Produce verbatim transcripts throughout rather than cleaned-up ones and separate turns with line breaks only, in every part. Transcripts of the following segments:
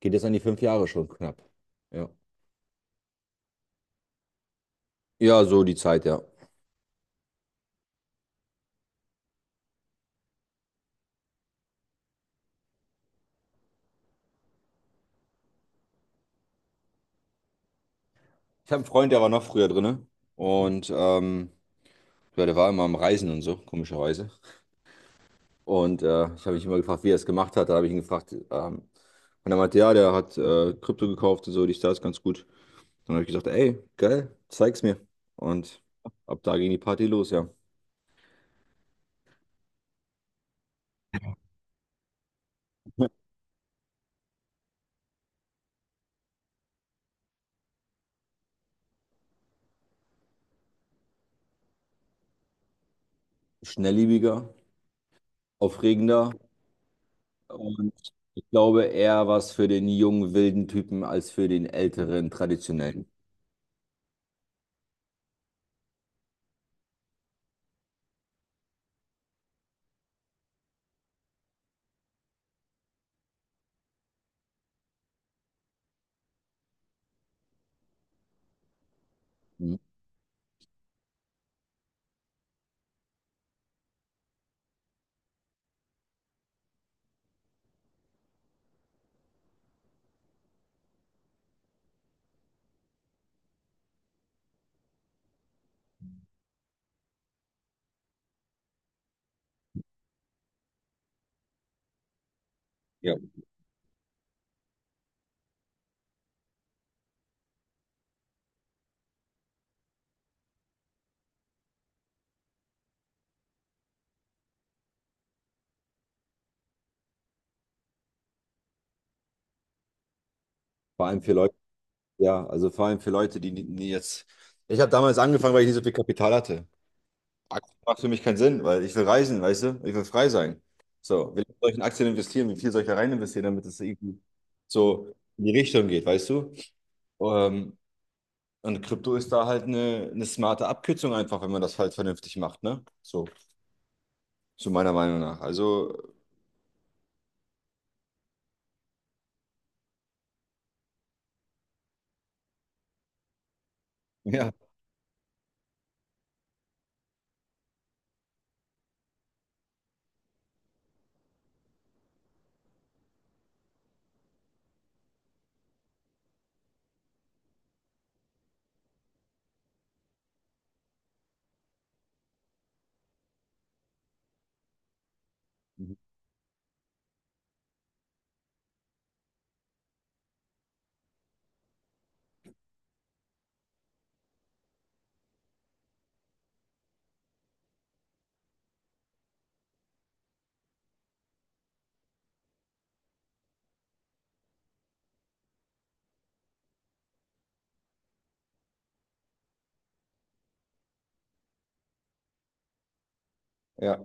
Geht jetzt an die fünf Jahre schon knapp. Ja. Ja, so die Zeit, ja. Ich habe einen Freund, der war noch früher drin. Und ähm, ja, der war immer am Reisen und so, komischerweise. Und äh, ich habe mich immer gefragt, wie er es gemacht hat. Da habe ich ihn gefragt, ähm, und er meinte, ja, der hat äh, Krypto gekauft und so, dies, das, ganz gut. Dann habe ich gesagt, ey, geil, zeig's mir. Und ab da ging die Party los, ja. Schnellliebiger, aufregender. Und ich glaube, eher was für den jungen, wilden Typen als für den älteren, traditionellen. Mhm. Ja. Vor allem für Leute, ja, also vor allem für Leute, die, nie- nie jetzt. Ich habe damals angefangen, weil ich nicht so viel Kapital hatte. Aktien macht für mich keinen Sinn, weil ich will reisen, weißt du? Ich will frei sein. So, wie lange soll ich in Aktien investieren? Wie viel soll ich da rein investieren, damit es irgendwie so in die Richtung geht, weißt du? Ähm, und Krypto ist da halt eine, eine smarte Abkürzung einfach, wenn man das halt vernünftig macht, ne? So, zu meiner Meinung nach. Also, ja, mhm, ja,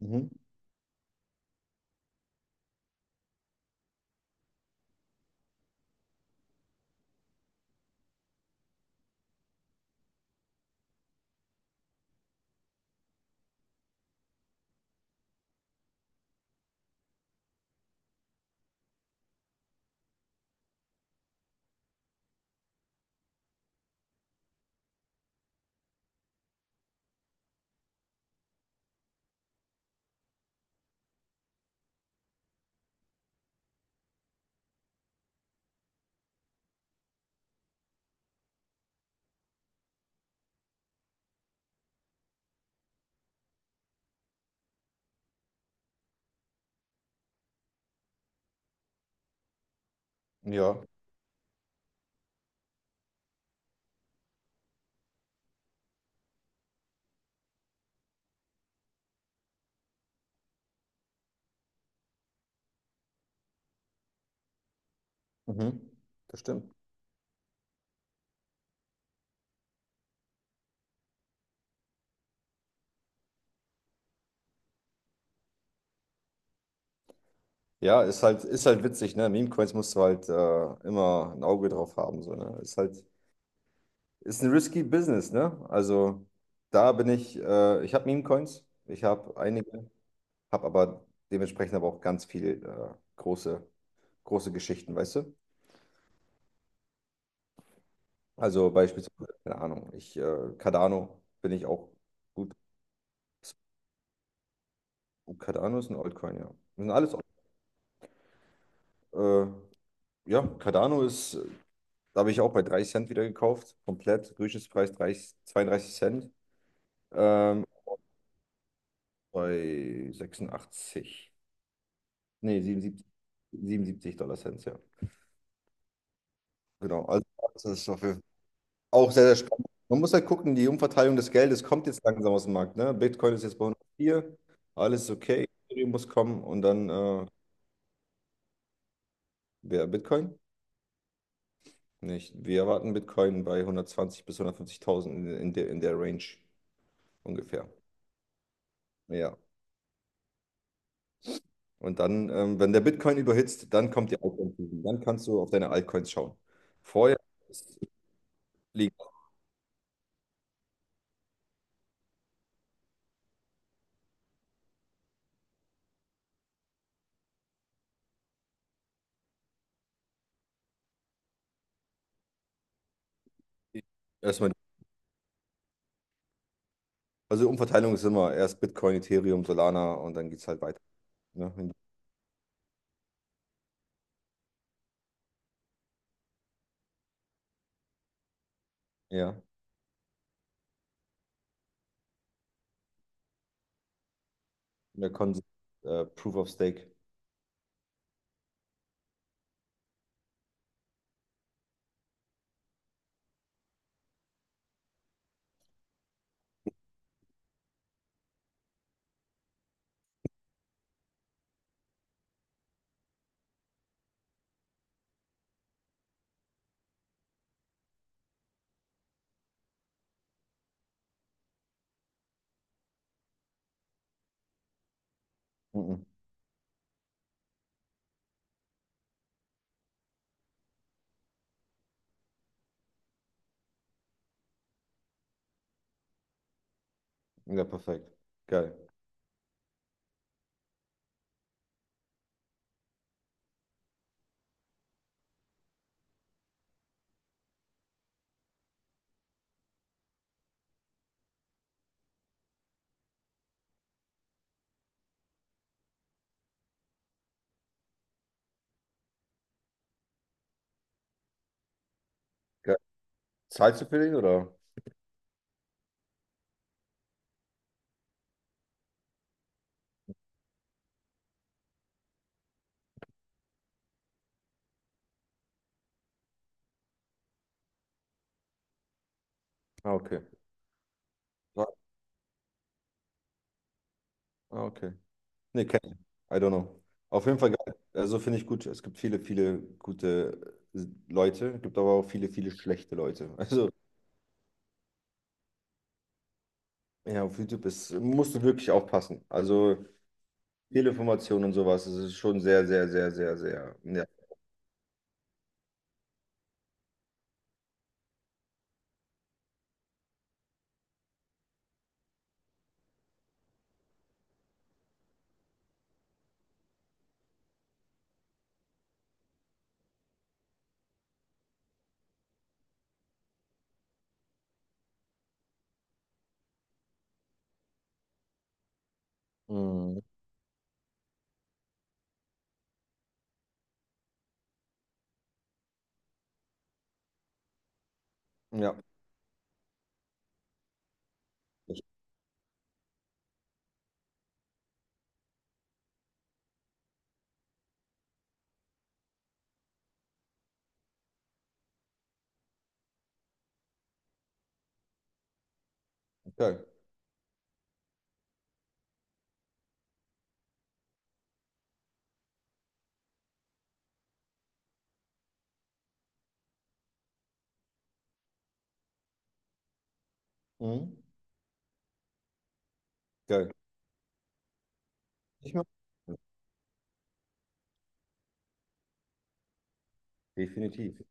mhm. Ja, mhm. Das stimmt. Ja, ist halt, ist halt witzig, ne? Meme-Coins musst du halt äh, immer ein Auge drauf haben, so, ne? Ist halt, ist ein risky Business, ne? Also da bin ich, äh, ich habe Meme-Coins, ich habe einige, habe aber dementsprechend aber auch ganz viel äh, große, große Geschichten, weißt du? Also beispielsweise, keine Ahnung, ich, äh, Cardano bin ich auch gut. Oh, Cardano ist ein Altcoin, ja. Das sind alles, äh, ja, Cardano ist, äh, da habe ich auch bei dreißig Cent wieder gekauft, komplett, Durchschnittspreis dreißig, zweiunddreißig Cent. Ähm, Bei sechsundachtzig. Nee, siebenundsiebzig, siebenundsiebzig Dollar Cent, ja. Genau. Also das ist auf jeden Fall auch sehr, sehr spannend. Man muss halt gucken, die Umverteilung des Geldes kommt jetzt langsam aus dem Markt. Ne? Bitcoin ist jetzt bei hundertvier, alles ist okay, Ethereum muss kommen und dann äh, wer Bitcoin? Nicht. Wir erwarten Bitcoin bei hundertzwanzig bis hundertfünfzigtausend in, in der, in der Range ungefähr. Ja. Und dann, ähm, wenn der Bitcoin überhitzt, dann kommt die Altcoin-Season. Dann kannst du auf deine Altcoins schauen. Vorher. Erstmal, also Umverteilung ist immer erst Bitcoin, Ethereum, Solana und dann geht es halt weiter. Ne? In- Ja, in der Konsens, äh, Proof of Stake. Mhm. Ja, perfekt. Geil. Geil. Zahlst du für den oder? Ah, okay. Ja. Ah, okay. Nee, kenn ich. I don't know. Auf jeden Fall geil. Also finde ich gut. Es gibt viele, viele gute äh, Leute, gibt aber auch viele, viele schlechte Leute. Also, ja, auf YouTube ist, musst du wirklich aufpassen. Also, Fehlinformationen und sowas, es ist schon sehr, sehr, sehr, sehr, sehr. Ja. Mhm. Ja. Ich, Geil. Mhm. Geil. Ich mach- Definitiv.